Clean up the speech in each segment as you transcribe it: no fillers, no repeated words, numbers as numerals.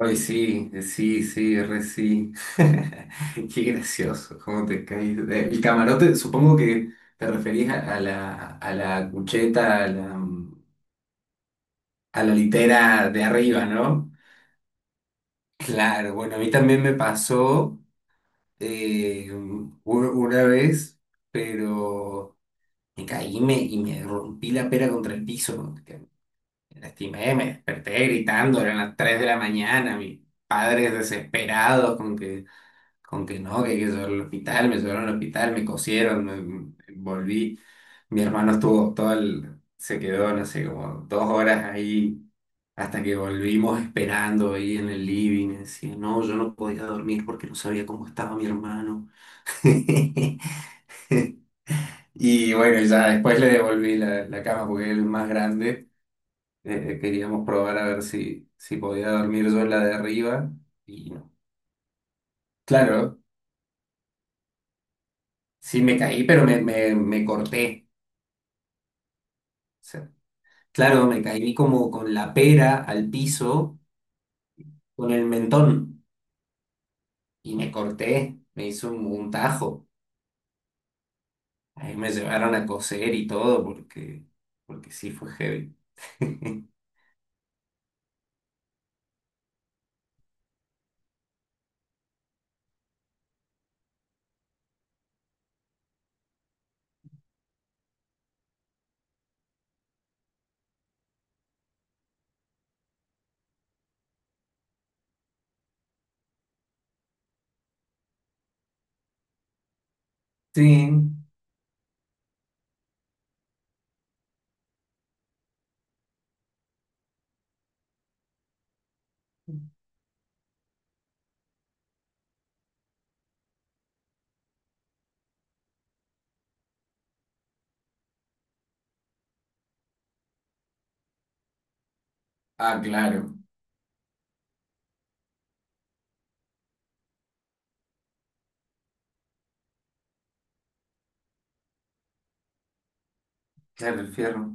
Ay, sí, sí, sí, re sí. Qué gracioso, cómo te caes. El camarote, supongo que te referís a la cucheta, a la litera de arriba, ¿no? Claro, bueno, a mí también me pasó una vez, pero me caí y y me rompí la pera contra el piso. Que Me lastimé, me desperté gritando, eran las 3 de la mañana, mis padres desesperados con que no, que hay que llevarlo al hospital, me llevaron al hospital, me cosieron, volví. Mi hermano estuvo se quedó, no sé, como 2 horas ahí, hasta que volvimos esperando ahí en el living. Decía, no, yo no podía dormir porque no sabía cómo estaba mi hermano. Y bueno, ya después le devolví la cama porque él es más grande. Queríamos probar a ver si podía dormir yo en la de arriba. Y no. Claro, sí me caí, pero me corté. Claro, me caí como con la pera al piso, con el mentón, y me corté, me hizo un tajo. Ahí me llevaron a coser y todo, porque, porque sí fue heavy. Sí. Ah, claro. Claro, el fierro.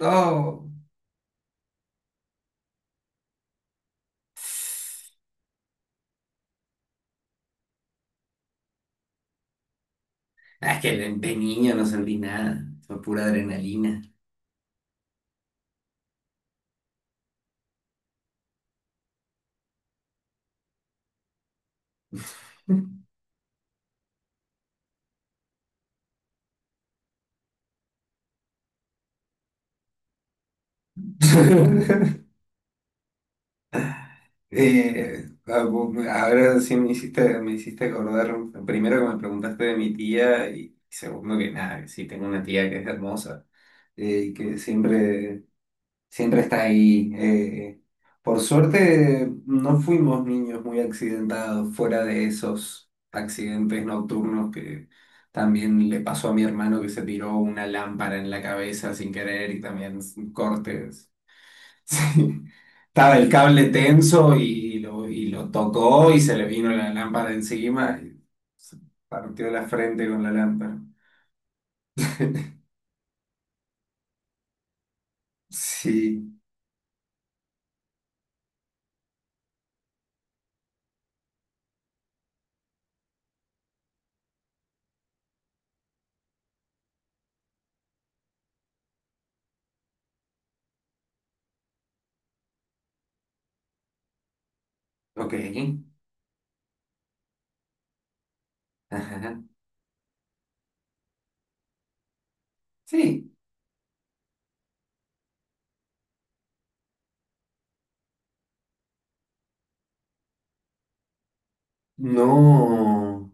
Oh. Ah, es que de niño no sentí nada. Fue pura adrenalina. Ahora sí me hiciste acordar, primero que me preguntaste de mi tía y segundo que nada, que sí tengo una tía que es hermosa, y que siempre, siempre está ahí. Por suerte no fuimos niños muy accidentados, fuera de esos accidentes nocturnos que también le pasó a mi hermano, que se tiró una lámpara en la cabeza sin querer y también cortes. Sí. Estaba el cable tenso y y lo tocó y se le vino la lámpara encima y se partió la frente con la lámpara. Sí, ok. Ajá. Sí. No.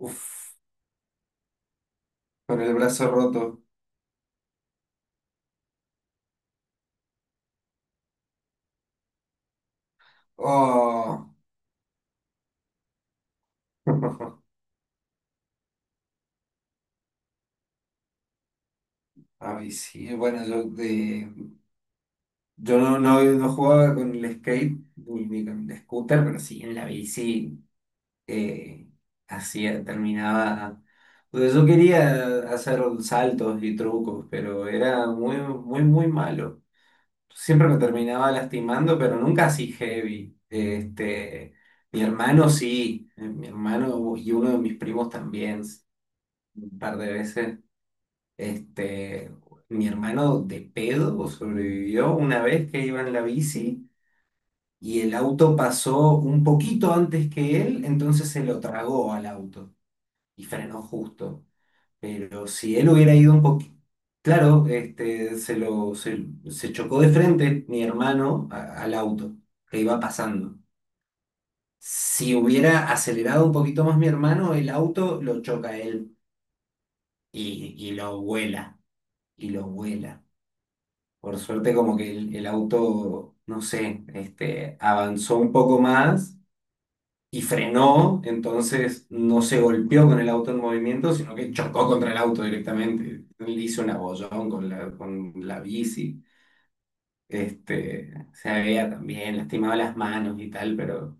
Uf, con el brazo roto. Oh. Ay, sí. Bueno, yo no jugaba con el skate ni ni con el scooter, pero sí en la bici. eh, Hacía, terminaba. Porque yo quería hacer saltos y trucos, pero era muy, muy, muy malo. Siempre me terminaba lastimando, pero nunca así heavy. Este, mi hermano sí, mi hermano y uno de mis primos también, un par de veces. Este, mi hermano de pedo sobrevivió una vez que iba en la bici y el auto pasó un poquito antes que él, entonces se lo tragó al auto y frenó justo. Pero si él hubiera ido un poquito, claro, este, se chocó de frente mi hermano al auto que iba pasando. Si hubiera acelerado un poquito más mi hermano, el auto lo choca a él y lo vuela, y lo vuela. Por suerte como que el auto, no sé, este, avanzó un poco más y frenó, entonces no se golpeó con el auto en movimiento, sino que chocó contra el auto directamente. Le hizo un abollón con con la bici. Este, se había también lastimado las manos y tal, pero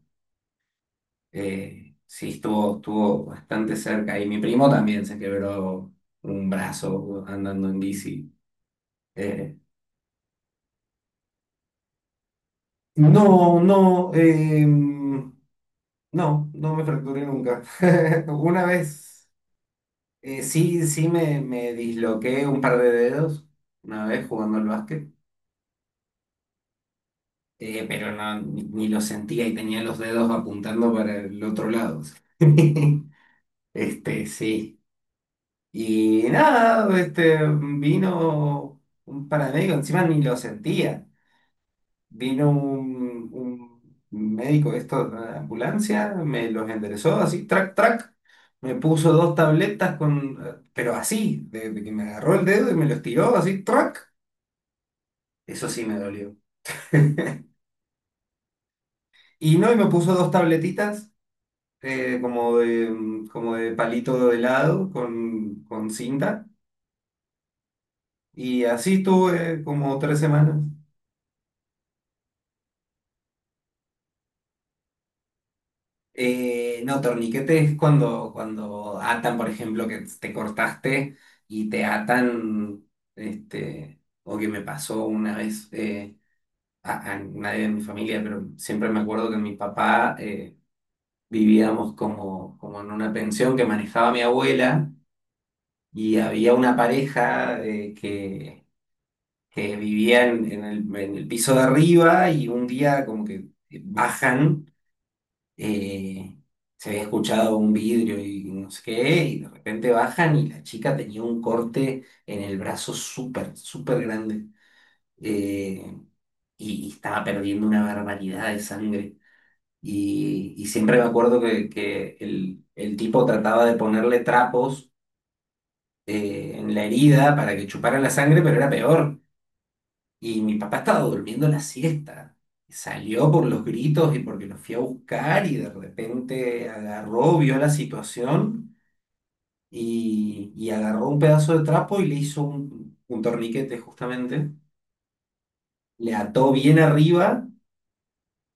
sí estuvo, estuvo bastante cerca. Y mi primo también se quebró un brazo andando en bici. Eh, no, no, em, no me fracturé nunca. Una vez. Sí, me disloqué un par de dedos una vez jugando al básquet, pero no, ni lo sentía y tenía los dedos apuntando para el otro lado. Este, sí. Y nada, este, vino un paramédico, encima ni lo sentía. Vino un, un médico esto de la ambulancia, me los enderezó así, track, track. Me puso dos tabletas con, pero así, de que me agarró el dedo y me los tiró así, track. Eso sí me dolió. Y no, y me puso dos tabletitas, como de palito de helado con cinta. Y así tuve como 3 semanas. No, torniquete es cuando, cuando atan, por ejemplo, que te cortaste y te atan, este, o que me pasó una vez, a nadie de mi familia, pero siempre me acuerdo que mi papá, vivíamos como, como en una pensión que manejaba mi abuela y había una pareja, que vivía en el piso de arriba y un día como que bajan, eh, se había escuchado un vidrio y no sé qué, y de repente bajan y la chica tenía un corte en el brazo súper, súper grande, eh, y estaba perdiendo una barbaridad de sangre. Y siempre me acuerdo que el tipo trataba de ponerle trapos, en la herida para que chupara la sangre, pero era peor. Y mi papá estaba durmiendo la siesta. Y salió por los gritos y porque lo fui a buscar y de repente agarró, vio la situación y agarró un pedazo de trapo y le hizo un torniquete justamente. Le ató bien arriba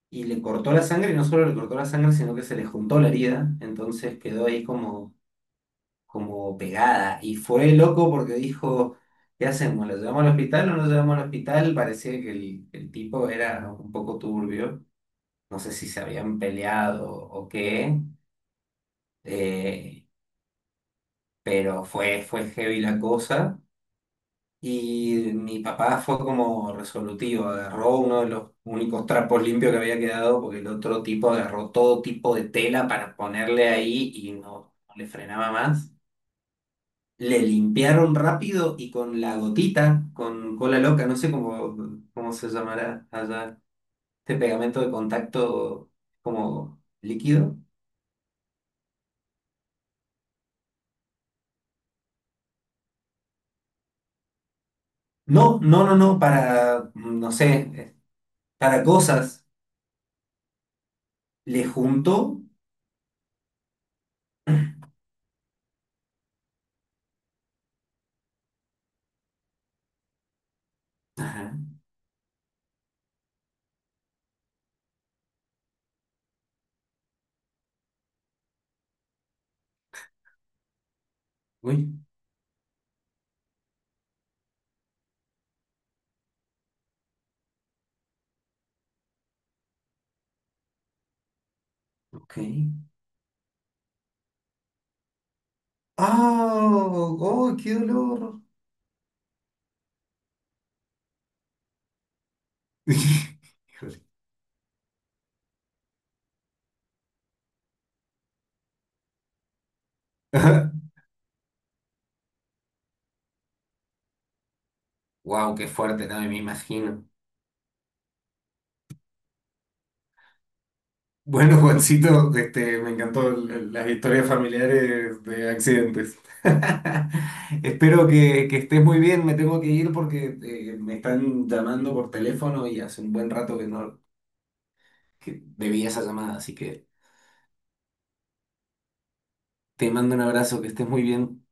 y le cortó la sangre, y no solo le cortó la sangre, sino que se le juntó la herida. Entonces quedó ahí como, como pegada. Y fue loco porque dijo... ¿Qué hacemos? ¿Lo llevamos al hospital o no lo llevamos al hospital? Parecía que el tipo era un poco turbio. No sé si se habían peleado o qué, eh, pero fue, fue heavy la cosa. Y mi papá fue como resolutivo, agarró uno de los únicos trapos limpios que había quedado, porque el otro tipo agarró todo tipo de tela para ponerle ahí y no, no le frenaba más. Le limpiaron rápido y con la gotita, con cola loca, no sé cómo, cómo se llamará allá, este pegamento de contacto como líquido. No, no, no, no, para, no sé, para cosas. Le junto. Ajá. Uy, ok. ¡Ah! ¡Oh, qué dolor! Híjole. Ajá. Wow, qué fuerte, también me imagino. Bueno, Juancito, este, me encantó las historias familiares de accidentes. Espero que estés muy bien. Me tengo que ir porque, me están llamando por teléfono y hace un buen rato que no que debía esa llamada, así que. Te mando un abrazo, que estés muy bien.